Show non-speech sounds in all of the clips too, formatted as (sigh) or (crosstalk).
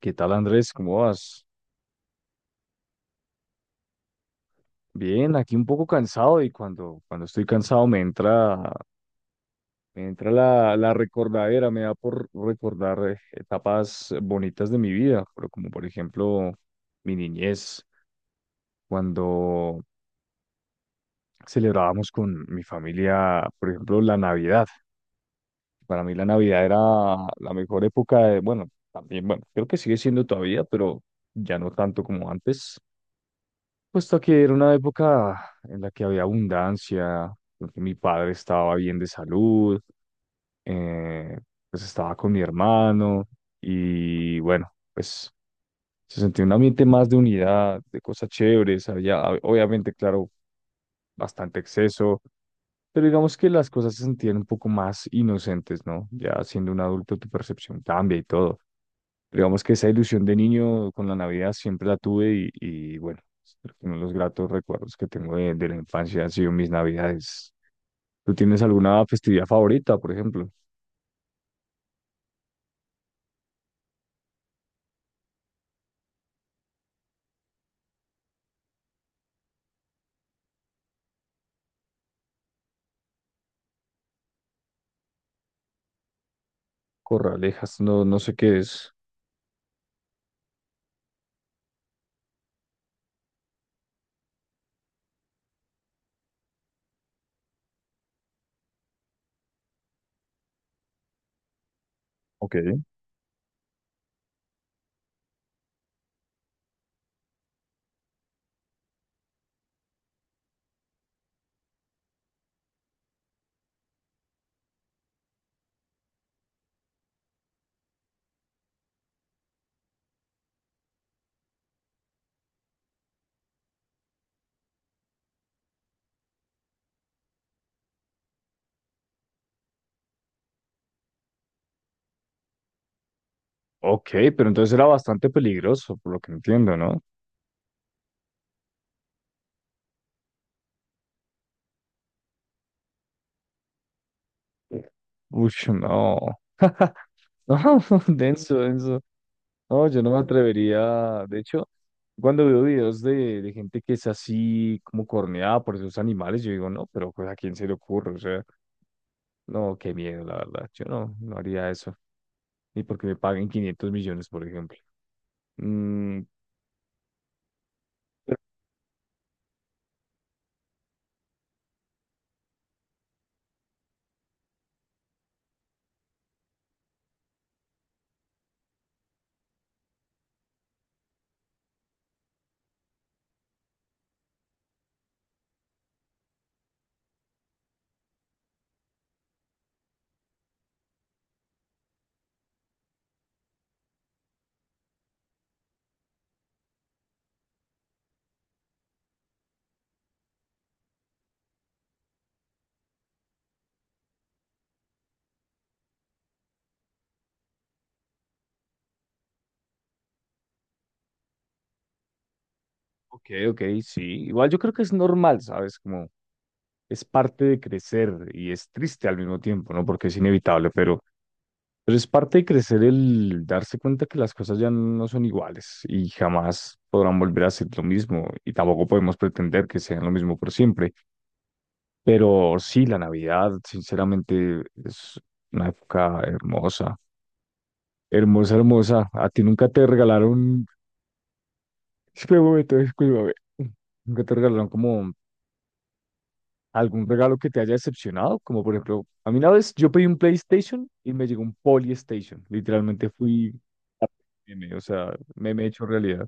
¿Qué tal, Andrés? ¿Cómo vas? Bien, aquí un poco cansado y cuando estoy cansado me entra la recordadera, me da por recordar etapas bonitas de mi vida, pero como por ejemplo mi niñez, cuando celebrábamos con mi familia, por ejemplo, la Navidad. Para mí la Navidad era la mejor época de, bueno, también, bueno, creo que sigue siendo todavía, pero ya no tanto como antes, puesto que era una época en la que había abundancia, en que mi padre estaba bien de salud, eh, pues estaba con mi hermano y bueno, pues se sentía un ambiente más de unidad, de cosas chéveres, había obviamente, claro, bastante exceso, pero digamos que las cosas se sentían un poco más inocentes, ¿no? Ya siendo un adulto tu percepción cambia y todo. Digamos que esa ilusión de niño con la Navidad siempre la tuve y bueno, creo que uno de los gratos recuerdos que tengo de la infancia han sido mis Navidades. ¿Tú tienes alguna festividad favorita, por ejemplo? Corralejas, no, no sé qué es. Ok. Ok, pero entonces era bastante peligroso, por lo que entiendo, ¿no? Uy, no. (laughs) No, (laughs) denso, denso. No, yo no me atrevería. De hecho, cuando veo videos de gente que es así como corneada por esos animales, yo digo, no, pero pues, ¿a quién se le ocurre? O sea, no, qué miedo, la verdad. Yo no, no haría eso. Ni porque me paguen 500 millones, por ejemplo. Mm, pero, ok, ok, sí. Igual yo creo que es normal, ¿sabes? Como es parte de crecer y es triste al mismo tiempo, ¿no? Porque es inevitable, pero es parte de crecer el darse cuenta que las cosas ya no son iguales y jamás podrán volver a ser lo mismo y tampoco podemos pretender que sean lo mismo por siempre. Pero sí, la Navidad, sinceramente, es una época hermosa, hermosa, hermosa. A ti nunca te regalaron, (laughs) espérame un momento, discúlpame, nunca te regalaron como algún regalo que te haya decepcionado, como por ejemplo, a mí una vez yo pedí un PlayStation y me llegó un Polystation. Literalmente fui meme, o sea, meme hecho realidad.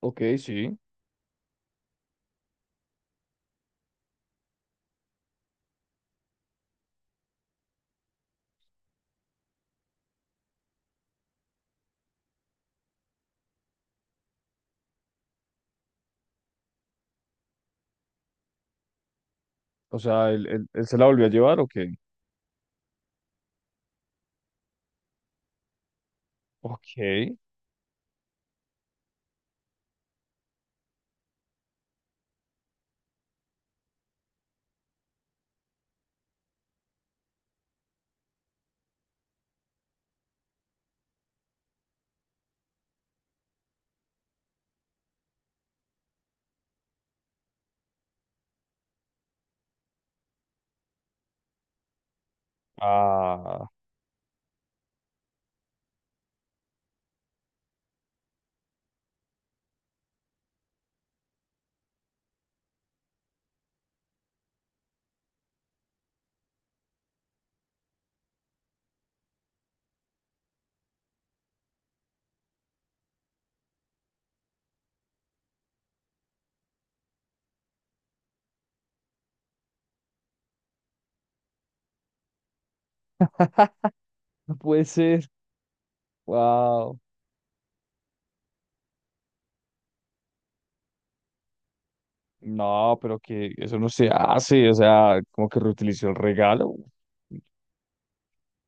Ok, sí. O sea, ¿él, él se la volvió a llevar o qué? Ok. Ah, no puede ser. Wow. No, pero que eso no se hace, o sea, como que reutilizó el regalo.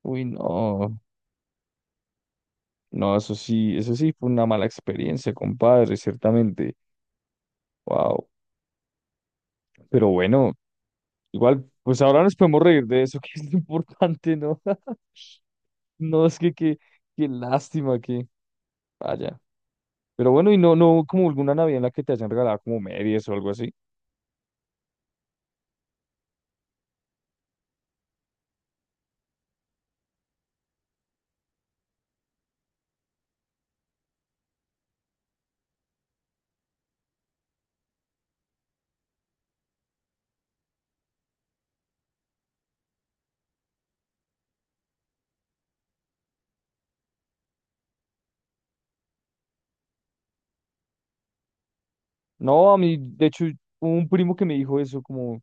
Uy, no. No, eso sí fue una mala experiencia, compadre, ciertamente. Wow. Pero bueno. Igual, pues ahora nos podemos reír de eso, (laughs) que es lo importante, ¿no? (laughs) No, es que qué qué lástima que vaya. Pero bueno, y no, no como alguna Navidad en la que te hayan regalado como medias o algo así. No, a mí, de hecho, hubo un primo que me dijo eso, como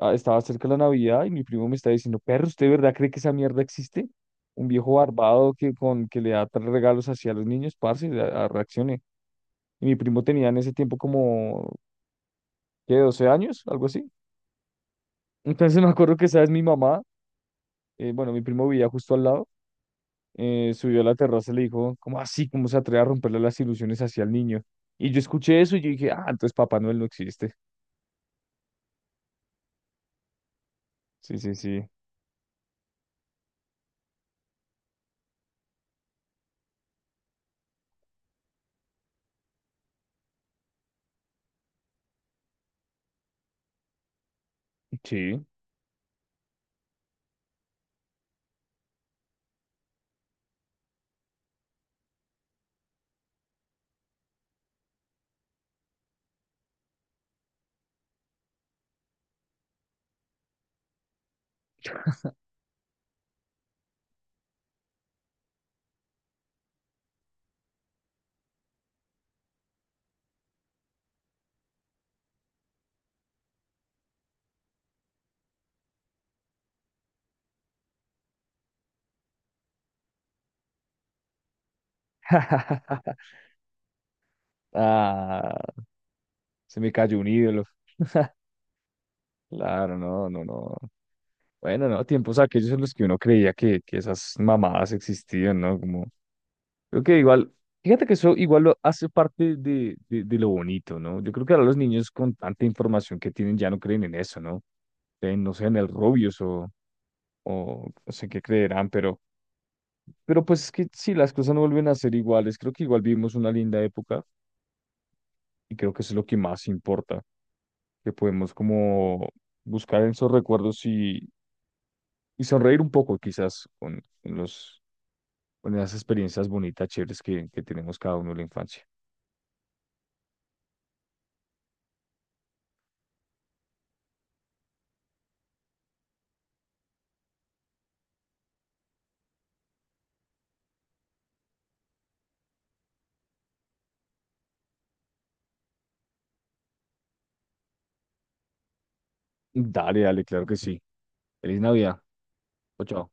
ah, estaba cerca la Navidad y mi primo me está diciendo, perro, ¿usted de verdad cree que esa mierda existe? Un viejo barbado que, con, que le da regalos así a los niños, parce, reaccione. Y mi primo tenía en ese tiempo como, ¿qué? 12 años, algo así. Entonces, (laughs) me acuerdo que, ¿sabes? Mi mamá bueno, mi primo vivía justo al lado, subió a la terraza y le dijo, ¿cómo así? ¿Cómo se atreve a romperle las ilusiones hacia el niño? Y yo escuché eso y yo dije, ah, entonces Papá Noel no existe. Sí, sí, sí. Sí. (laughs) Ah, se me cayó un ídolo. Claro, no, no, no. Bueno, no, tiempos aquellos en los que uno creía que esas mamadas existían, ¿no? Como Creo que igual, fíjate que eso igual lo hace parte de lo bonito, ¿no? Yo creo que ahora los niños con tanta información que tienen ya no creen en eso, ¿no? Creen, no sé, en el Rubius o no sé qué creerán, pero pues es que si las cosas no vuelven a ser iguales, creo que igual vivimos una linda época y creo que eso es lo que más importa, que podemos como buscar en esos recuerdos y sonreír un poco quizás con los, con esas experiencias bonitas, chéveres que tenemos cada uno en la infancia. Dale, dale, claro que sí. Feliz Navidad. Chao, chao.